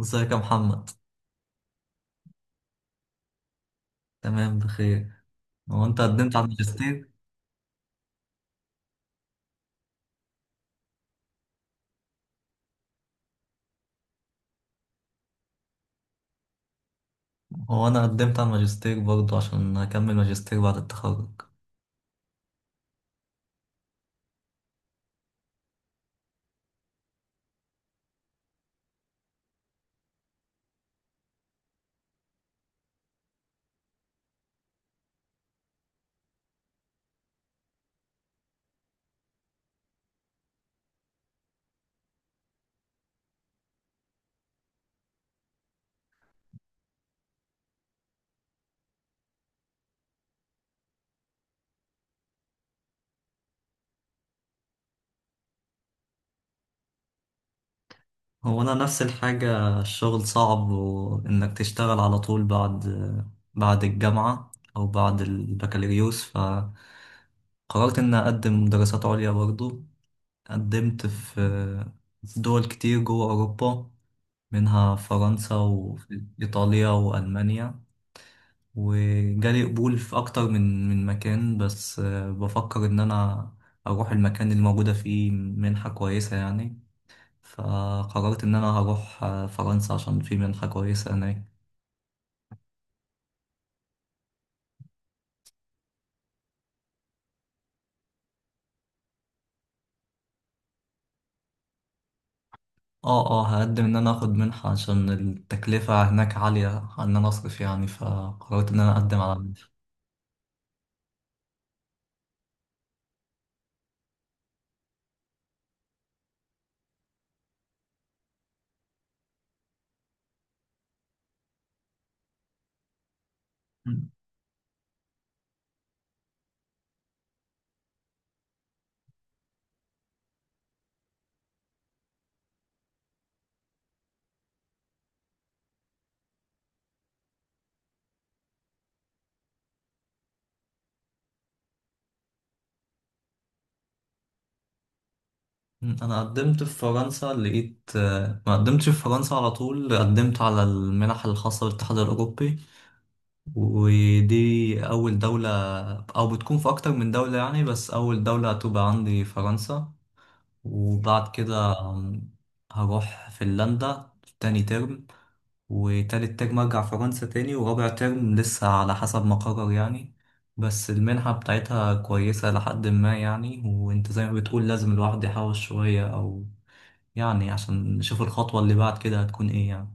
ازيك يا محمد؟ تمام بخير. هو انت قدمت على الماجستير؟ هو انا قدمت على الماجستير برضه عشان اكمل ماجستير بعد التخرج. هو انا نفس الحاجة، الشغل صعب وانك تشتغل على طول بعد بعد الجامعة او بعد البكالوريوس، فقررت اني اقدم دراسات عليا برضه. قدمت في دول كتير جوه اوروبا، منها فرنسا وإيطاليا وألمانيا. وجالي قبول في أكتر من مكان، بس بفكر إن أنا أروح المكان اللي موجودة فيه منحة كويسة يعني. فقررت إن أنا هروح فرنسا عشان في منحة كويسة هناك. اه اه، هقدم إن أنا أخد منحة عشان التكلفة هناك عالية إن أنا أصرف يعني، فقررت إن أنا أقدم على منحة. م. أنا قدمت في فرنسا، لقيت ما قدمتش في فرنسا على طول، قدمت على المنح الخاصة بالاتحاد الأوروبي، ودي أول دولة أو بتكون في أكتر من دولة يعني، بس أول دولة هتبقى عندي فرنسا. وبعد كده هروح فنلندا تاني ترم، وتالت ترم أرجع فرنسا تاني، ورابع ترم لسه على حسب ما أقرر يعني. بس المنحة بتاعتها كويسة لحد ما يعني، وأنت زي ما بتقول لازم الواحد يحاول شوية، أو يعني عشان نشوف الخطوة اللي بعد كده هتكون إيه يعني.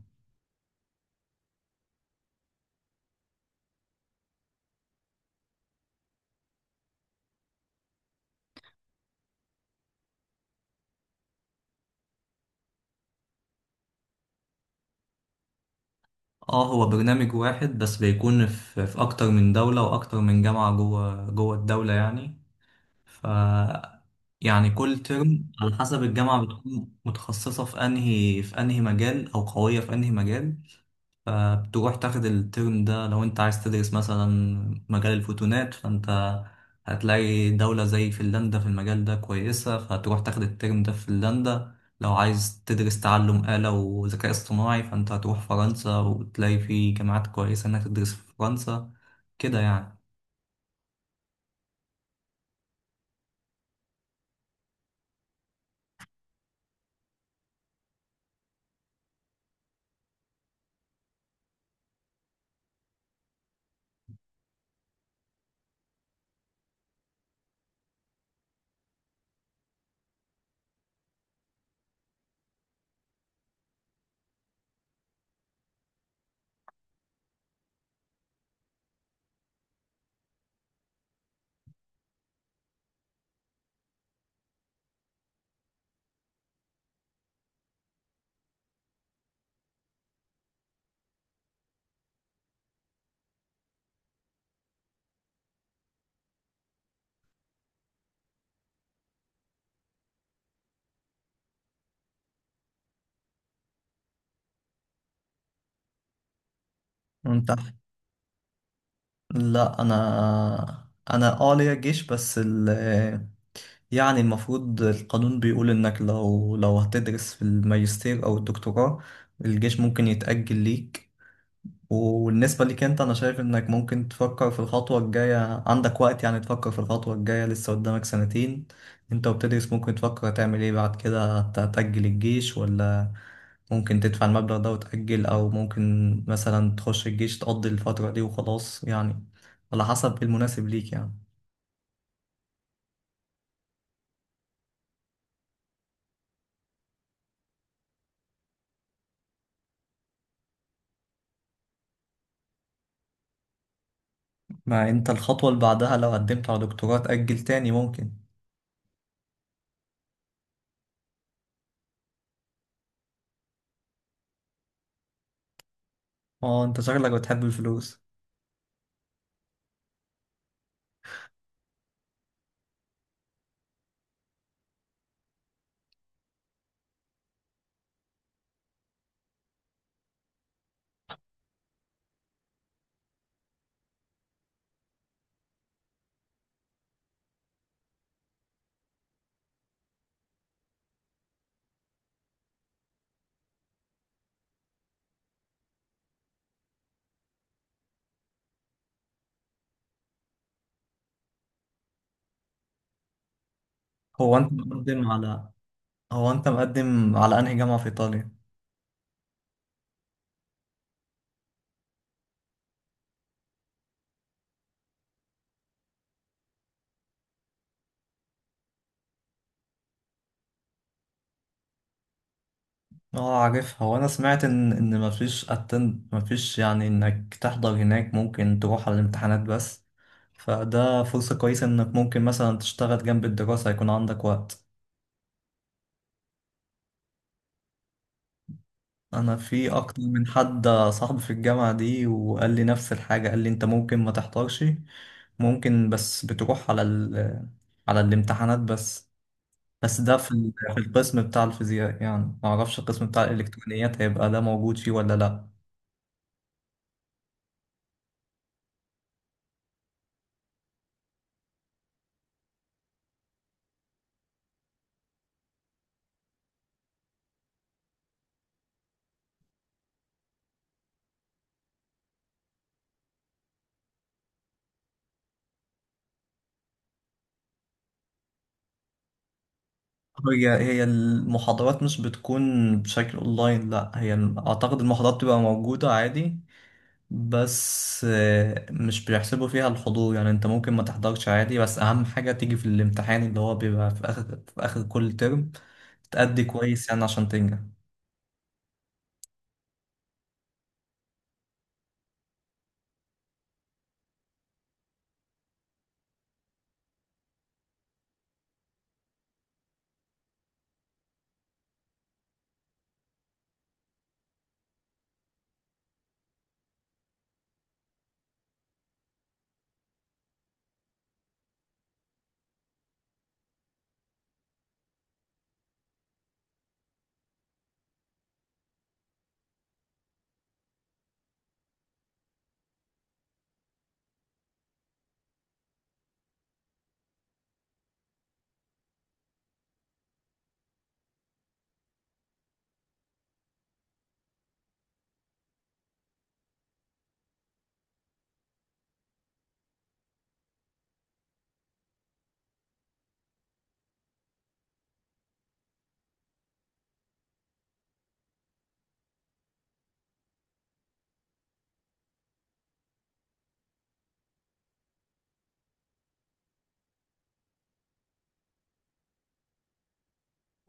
اه، هو برنامج واحد بس بيكون في، في اكتر من دولة واكتر من جامعة جوه الدولة يعني. ف، يعني كل ترم على حسب الجامعة بتكون متخصصة في انهي مجال او قوية في انهي مجال. فبتروح تاخد الترم ده لو انت عايز تدرس مثلا مجال الفوتونات، فانت هتلاقي دولة زي فنلندا في المجال ده كويسة، فهتروح تاخد الترم ده في فنلندا. لو عايز تدرس تعلم آلة وذكاء اصطناعي، فانت هتروح فرنسا وتلاقي في جامعات كويسة انك تدرس في فرنسا. كده يعني. انت، لا انا ليا جيش، بس يعني المفروض القانون بيقول إنك لو هتدرس في الماجستير أو الدكتوراه، الجيش ممكن يتأجل ليك. وبالنسبة ليك أنت، أنا شايف إنك ممكن تفكر في الخطوة الجاية، عندك وقت يعني تفكر في الخطوة الجاية، لسه قدامك سنتين أنت وبتدرس، ممكن تفكر هتعمل إيه بعد كده، هتأجل الجيش ولا ممكن تدفع المبلغ ده وتأجل، أو ممكن مثلا تخش الجيش تقضي الفترة دي وخلاص يعني، على حسب المناسب ليك يعني. ما انت الخطوة اللي بعدها لو قدمت على دكتوراه تأجل تاني ممكن. اه انت شغلك بتحب الفلوس. هو انت مقدم على، هو انت مقدم على انهي جامعة في ايطاليا؟ اه عارفها. هو انا سمعت ان مفيش يعني انك تحضر هناك، ممكن تروح على الامتحانات بس، فده فرصة كويسة انك ممكن مثلا تشتغل جنب الدراسة، يكون عندك وقت. انا في اكتر من حد صاحبي في الجامعة دي وقال لي نفس الحاجة، قال لي انت ممكن ما تحضرش، ممكن، بس بتروح على على الامتحانات بس. بس ده في في القسم بتاع الفيزياء يعني، ما اعرفش القسم بتاع الالكترونيات هيبقى ده موجود فيه ولا لا. هي المحاضرات مش بتكون بشكل اونلاين، لا هي اعتقد المحاضرات بتبقى موجودة عادي، بس مش بيحسبوا فيها الحضور يعني، انت ممكن ما تحضرش عادي، بس اهم حاجة تيجي في الامتحان اللي هو بيبقى في اخر، في اخر كل ترم، تأدي كويس يعني عشان تنجح.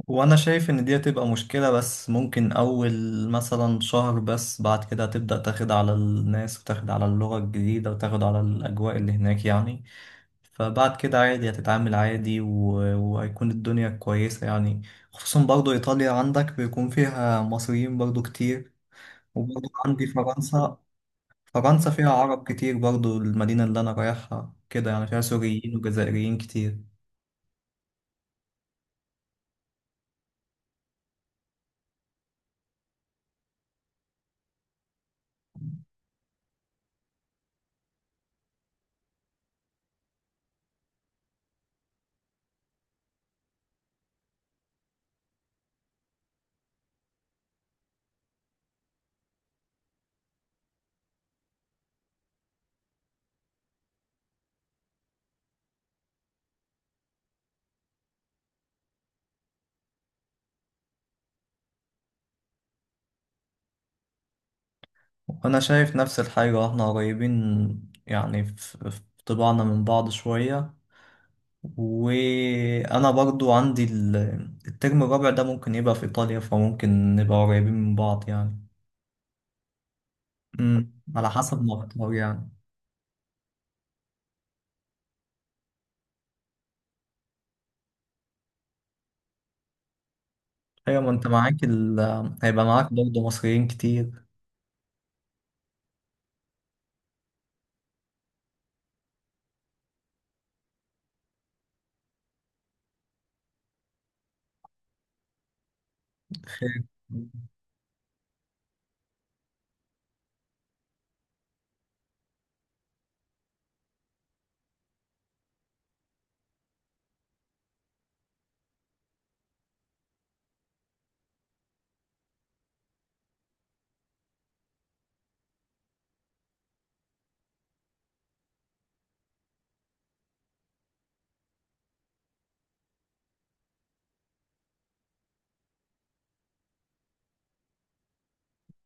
وانا شايف ان دي هتبقى مشكلة، بس ممكن اول مثلا شهر بس، بعد كده هتبدأ تاخد على الناس وتاخد على اللغة الجديدة وتاخد على الاجواء اللي هناك يعني. فبعد كده عادي هتتعامل عادي، وهيكون الدنيا كويسة يعني. خصوصا برضو ايطاليا عندك بيكون فيها مصريين برضو كتير. وبرضه عندي فرنسا، فرنسا فيها عرب كتير برضه، المدينة اللي أنا رايحها كده يعني فيها سوريين وجزائريين كتير. وأنا شايف نفس الحاجة، احنا قريبين يعني في في طباعنا من بعض شوية. وأنا برضو عندي الترم الرابع ده ممكن يبقى في إيطاليا، فممكن نبقى قريبين من بعض يعني. على حسب ما أختار يعني. أيوة ما أنت معاك هيبقى معاك برضه مصريين كتير. خير.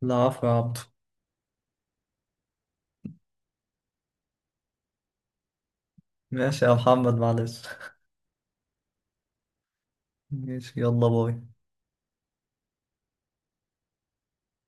لا عفو يا عبد. ماشي يا محمد، معلش. ماشي، يلا باي.